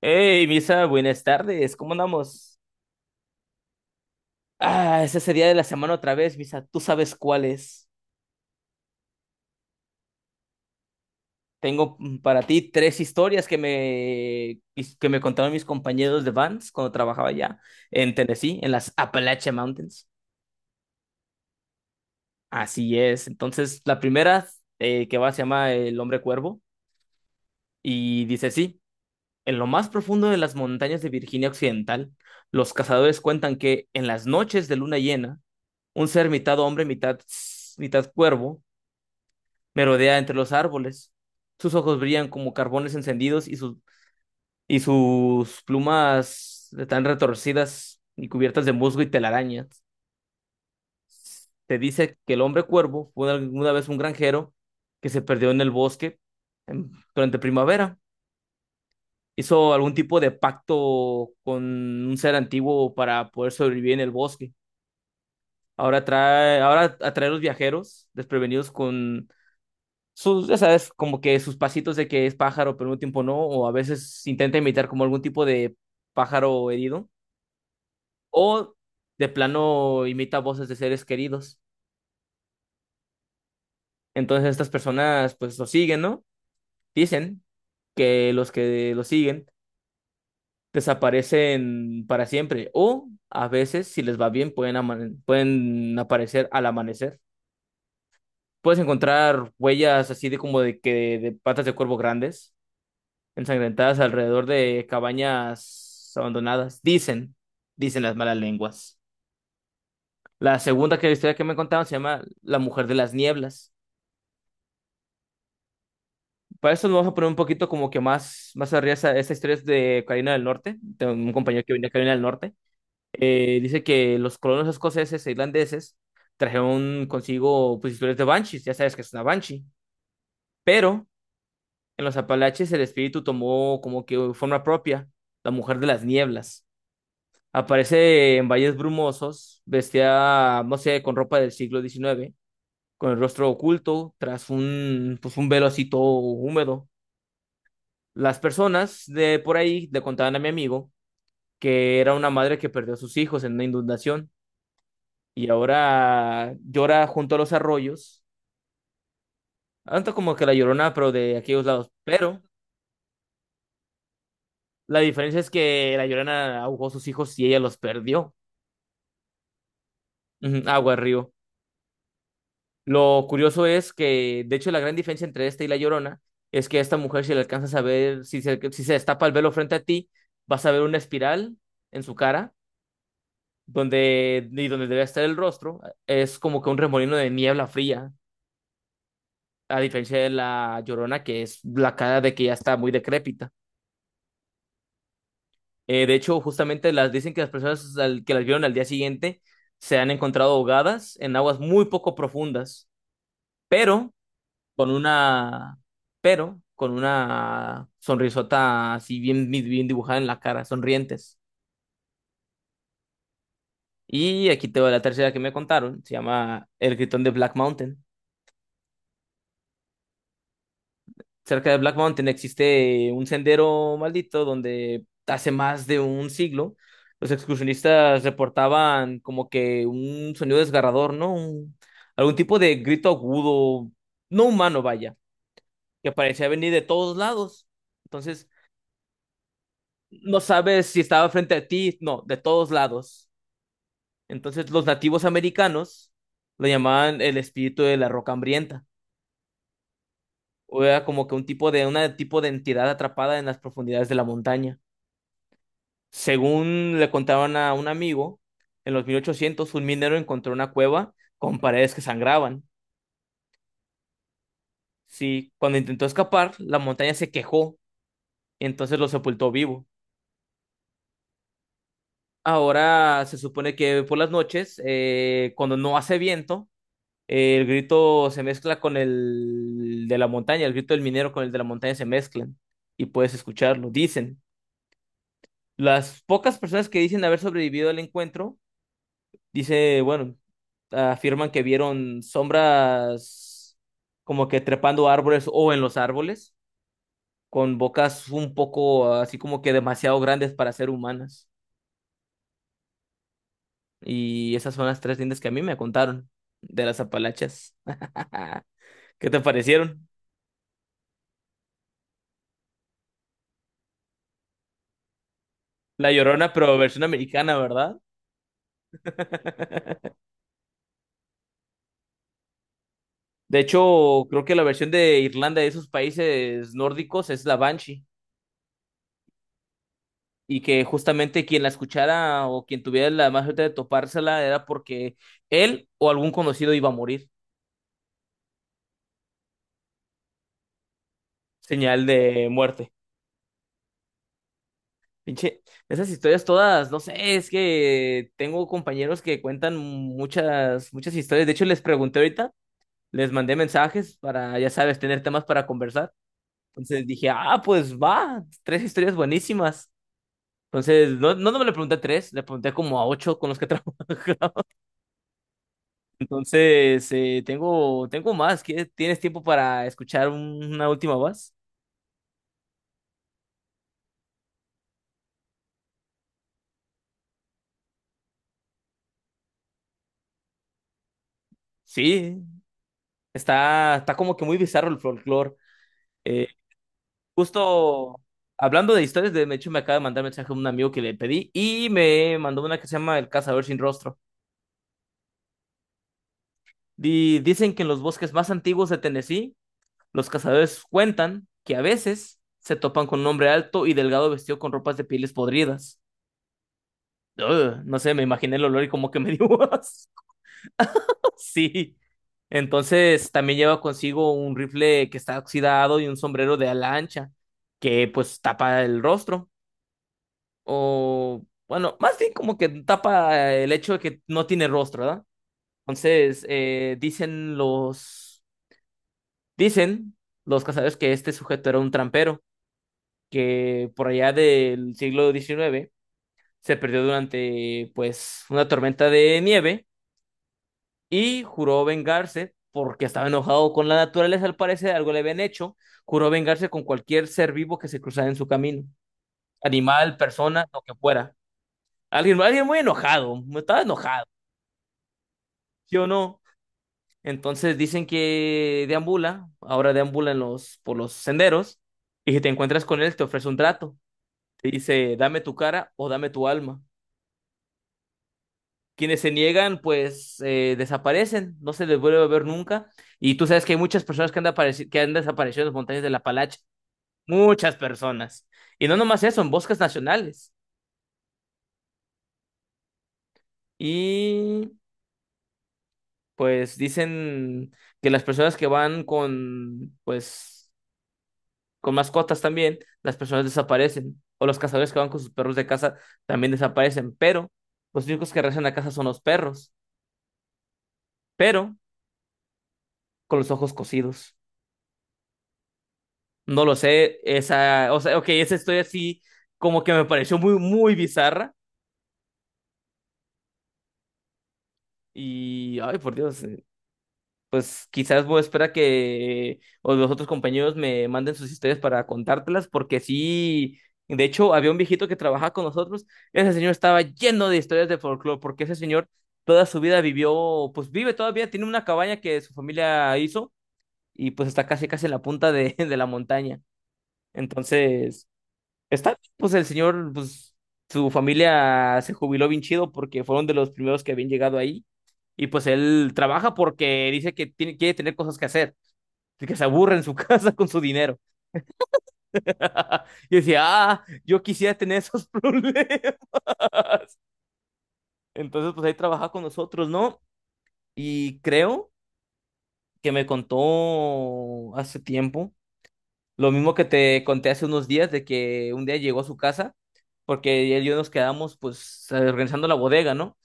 Hey, Misa, buenas tardes, ¿cómo andamos? Ah, es ese día de la semana otra vez, Misa, tú sabes cuál es. Tengo para ti tres historias que me contaron mis compañeros de Vans cuando trabajaba allá en Tennessee, en las Appalachian Mountains. Así es, entonces la primera que va se llama El Hombre Cuervo y dice así, en lo más profundo de las montañas de Virginia Occidental, los cazadores cuentan que en las noches de luna llena, un ser mitad hombre, mitad cuervo, merodea entre los árboles. Sus ojos brillan como carbones encendidos y sus plumas están retorcidas y cubiertas de musgo y telarañas. Te dice que el hombre cuervo fue alguna vez un granjero que se perdió en el bosque durante primavera. Hizo algún tipo de pacto con un ser antiguo para poder sobrevivir en el bosque. Ahora atrae a los viajeros desprevenidos con sus, ya sabes, como que sus pasitos de que es pájaro, pero en un tiempo no, o a veces intenta imitar como algún tipo de pájaro herido, o de plano imita voces de seres queridos. Entonces estas personas pues lo siguen, ¿no? Dicen que los que lo siguen desaparecen para siempre, o a veces, si les va bien, pueden aparecer al amanecer. Puedes encontrar huellas así de como de que de patas de cuervo grandes ensangrentadas alrededor de cabañas abandonadas. Dicen, dicen las malas lenguas. La segunda que historia que me contaron se llama La Mujer de las Nieblas. Para eso nos vamos a poner un poquito como que más, más arriba. Esa historia es de Carolina del Norte, tengo un compañero que viene de Carolina del Norte. Dice que los colonos escoceses e irlandeses trajeron consigo pues, historias de banshees, ya sabes que es una banshee. Pero en los Apalaches el espíritu tomó como que forma propia, la mujer de las nieblas. Aparece en valles brumosos, vestida, no sé, con ropa del siglo XIX, con el rostro oculto, tras un, pues un velo así todo húmedo. Las personas de por ahí le contaban a mi amigo que era una madre que perdió a sus hijos en una inundación y ahora llora junto a los arroyos, tanto como que la Llorona, pero de aquellos lados. Pero la diferencia es que la Llorona ahogó a sus hijos y ella los perdió. Ujú, agua, río. Lo curioso es que, de hecho, la gran diferencia entre esta y la Llorona es que a esta mujer, si le alcanzas a ver, si se destapa el velo frente a ti, vas a ver una espiral en su cara, donde, y donde debe estar el rostro, es como que un remolino de niebla fría, a diferencia de la Llorona, que es la cara de que ya está muy decrépita. De hecho, justamente las dicen que las personas que las vieron al día siguiente se han encontrado ahogadas en aguas muy poco profundas, pero con una, pero con una sonrisota así bien, bien dibujada en la cara, sonrientes. Y aquí te va la tercera que me contaron, se llama El Gritón de Black Mountain. Cerca de Black Mountain existe un sendero maldito donde hace más de un siglo los excursionistas reportaban como que un sonido desgarrador, ¿no? Algún tipo de grito agudo, no humano, vaya, que parecía venir de todos lados. Entonces, no sabes si estaba frente a ti, no, de todos lados. Entonces los nativos americanos lo llamaban el espíritu de la roca hambrienta, o era como que una tipo de entidad atrapada en las profundidades de la montaña. Según le contaban a un amigo, en los 1800 un minero encontró una cueva con paredes que sangraban. Sí, cuando intentó escapar, la montaña se quejó y entonces lo sepultó vivo. Ahora se supone que por las noches, cuando no hace viento, el grito se mezcla con el de la montaña, el grito del minero con el de la montaña se mezclan y puedes escucharlo. Dicen, las pocas personas que dicen haber sobrevivido al encuentro, dice, bueno, afirman que vieron sombras como que trepando árboles o en los árboles, con bocas un poco así como que demasiado grandes para ser humanas. Y esas son las tres lindas que a mí me contaron de las Apalaches. ¿Qué te parecieron? La Llorona, pero versión americana, ¿verdad? De hecho, creo que la versión de Irlanda de esos países nórdicos es la Banshee. Y que justamente quien la escuchara o quien tuviera la más suerte de topársela era porque él o algún conocido iba a morir. Señal de muerte. Pinche, esas historias todas, no sé, es que tengo compañeros que cuentan muchas, muchas historias. De hecho, les pregunté ahorita, les mandé mensajes para, ya sabes, tener temas para conversar. Entonces dije, ah, pues va, tres historias buenísimas. Entonces, no, no, no me le pregunté a tres, le pregunté como a ocho con los que trabajo. Entonces, tengo más. ¿Tienes tiempo para escuchar una última voz? Sí, está como que muy bizarro el folclore. Eh, Justo hablando de historias, de hecho me acaba de mandar mensaje un amigo que le pedí y me mandó una que se llama El cazador sin rostro. Dicen que en los bosques más antiguos de Tennessee, los cazadores cuentan que a veces se topan con un hombre alto y delgado vestido con ropas de pieles podridas. Ugh, no sé, me imaginé el olor y como que me dio asco. Sí. Entonces también lleva consigo un rifle que está oxidado y un sombrero de ala ancha que pues tapa el rostro. O bueno, más bien como que tapa el hecho de que no tiene rostro, ¿verdad? Entonces Dicen los cazadores que este sujeto era un trampero que por allá del siglo XIX se perdió durante pues una tormenta de nieve y juró vengarse porque estaba enojado con la naturaleza, al parecer algo le habían hecho, juró vengarse con cualquier ser vivo que se cruzara en su camino, animal, persona, lo que fuera. Alguien muy enojado, estaba enojado, ¿sí o no? Entonces dicen que deambula, ahora deambula en los, por los senderos, y si te encuentras con él, te ofrece un trato. Te dice, dame tu cara o dame tu alma. Quienes se niegan, pues desaparecen, no se les vuelve a ver nunca. Y tú sabes que hay muchas personas que han desaparecido en las montañas de la Palacha, muchas personas. Y no nomás eso, en bosques nacionales. Y pues dicen que las personas que van con, pues, con mascotas también, las personas desaparecen. O los cazadores que van con sus perros de casa también desaparecen. Pero los únicos que regresan a casa son los perros, pero con los ojos cosidos. No lo sé, esa, o sea, ok, esa historia así como que me pareció muy, muy bizarra y, ay, por Dios, pues quizás voy a esperar que o los otros compañeros me manden sus historias para contártelas, porque sí, de hecho, había un viejito que trabajaba con nosotros, ese señor estaba lleno de historias de folclore, porque ese señor toda su vida vivió, pues vive todavía, tiene una cabaña que su familia hizo y pues está casi, casi en la punta de, de la montaña. Entonces... Está, pues el señor, pues su familia se jubiló bien chido porque fueron de los primeros que habían llegado ahí y pues él trabaja porque dice que tiene, quiere tener cosas que hacer, que se aburre en su casa con su dinero. Y decía, ah, yo quisiera tener esos problemas. Entonces, pues ahí trabaja con nosotros, ¿no? Y creo que me contó hace tiempo, lo mismo que te conté hace unos días, de que un día llegó a su casa porque él y yo nos quedamos pues organizando la bodega, ¿no?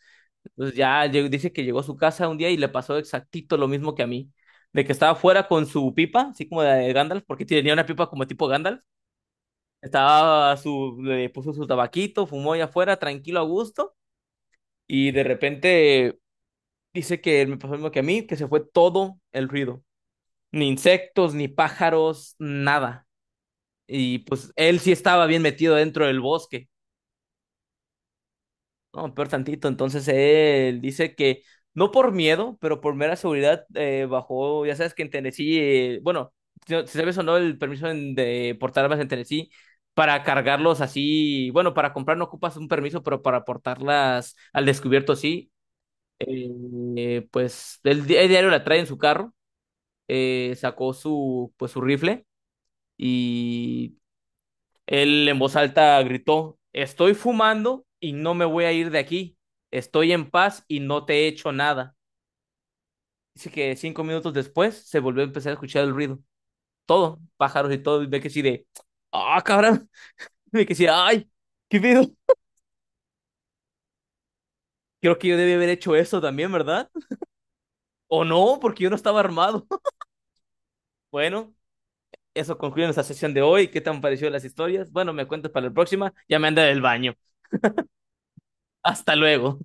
Entonces ya dice que llegó a su casa un día y le pasó exactito lo mismo que a mí. De que estaba fuera con su pipa, así como de Gandalf, porque tenía una pipa como tipo Gandalf. Estaba su, le puso su tabaquito, fumó allá afuera, tranquilo, a gusto. Y de repente dice que me pasó lo mismo que a mí, que se fue todo el ruido. Ni insectos, ni pájaros, nada. Y pues él sí estaba bien metido dentro del bosque. No, peor tantito. Entonces él dice que no por miedo, pero por mera seguridad bajó. Ya sabes que en Tennessee, bueno, si si sabes o no el permiso de portar armas en Tennessee, para cargarlos así, bueno, para comprar no ocupas un permiso, pero para portarlas al descubierto sí. Eh, pues el diario la trae en su carro, sacó su, pues, su rifle él en voz alta gritó, estoy fumando y no me voy a ir de aquí. Estoy en paz y no te he hecho nada. Dice que 5 minutos después se volvió a empezar a escuchar el ruido. Todo, pájaros y todo. Y ve que sí de, ah, cabrón. Ve que sí, ay, qué pedo. Creo que yo debí haber hecho eso también, ¿verdad? O no, porque yo no estaba armado. Bueno, eso concluye nuestra sesión de hoy. ¿Qué te han parecido las historias? Bueno, me cuentas para la próxima. Ya me anda del baño. Hasta luego.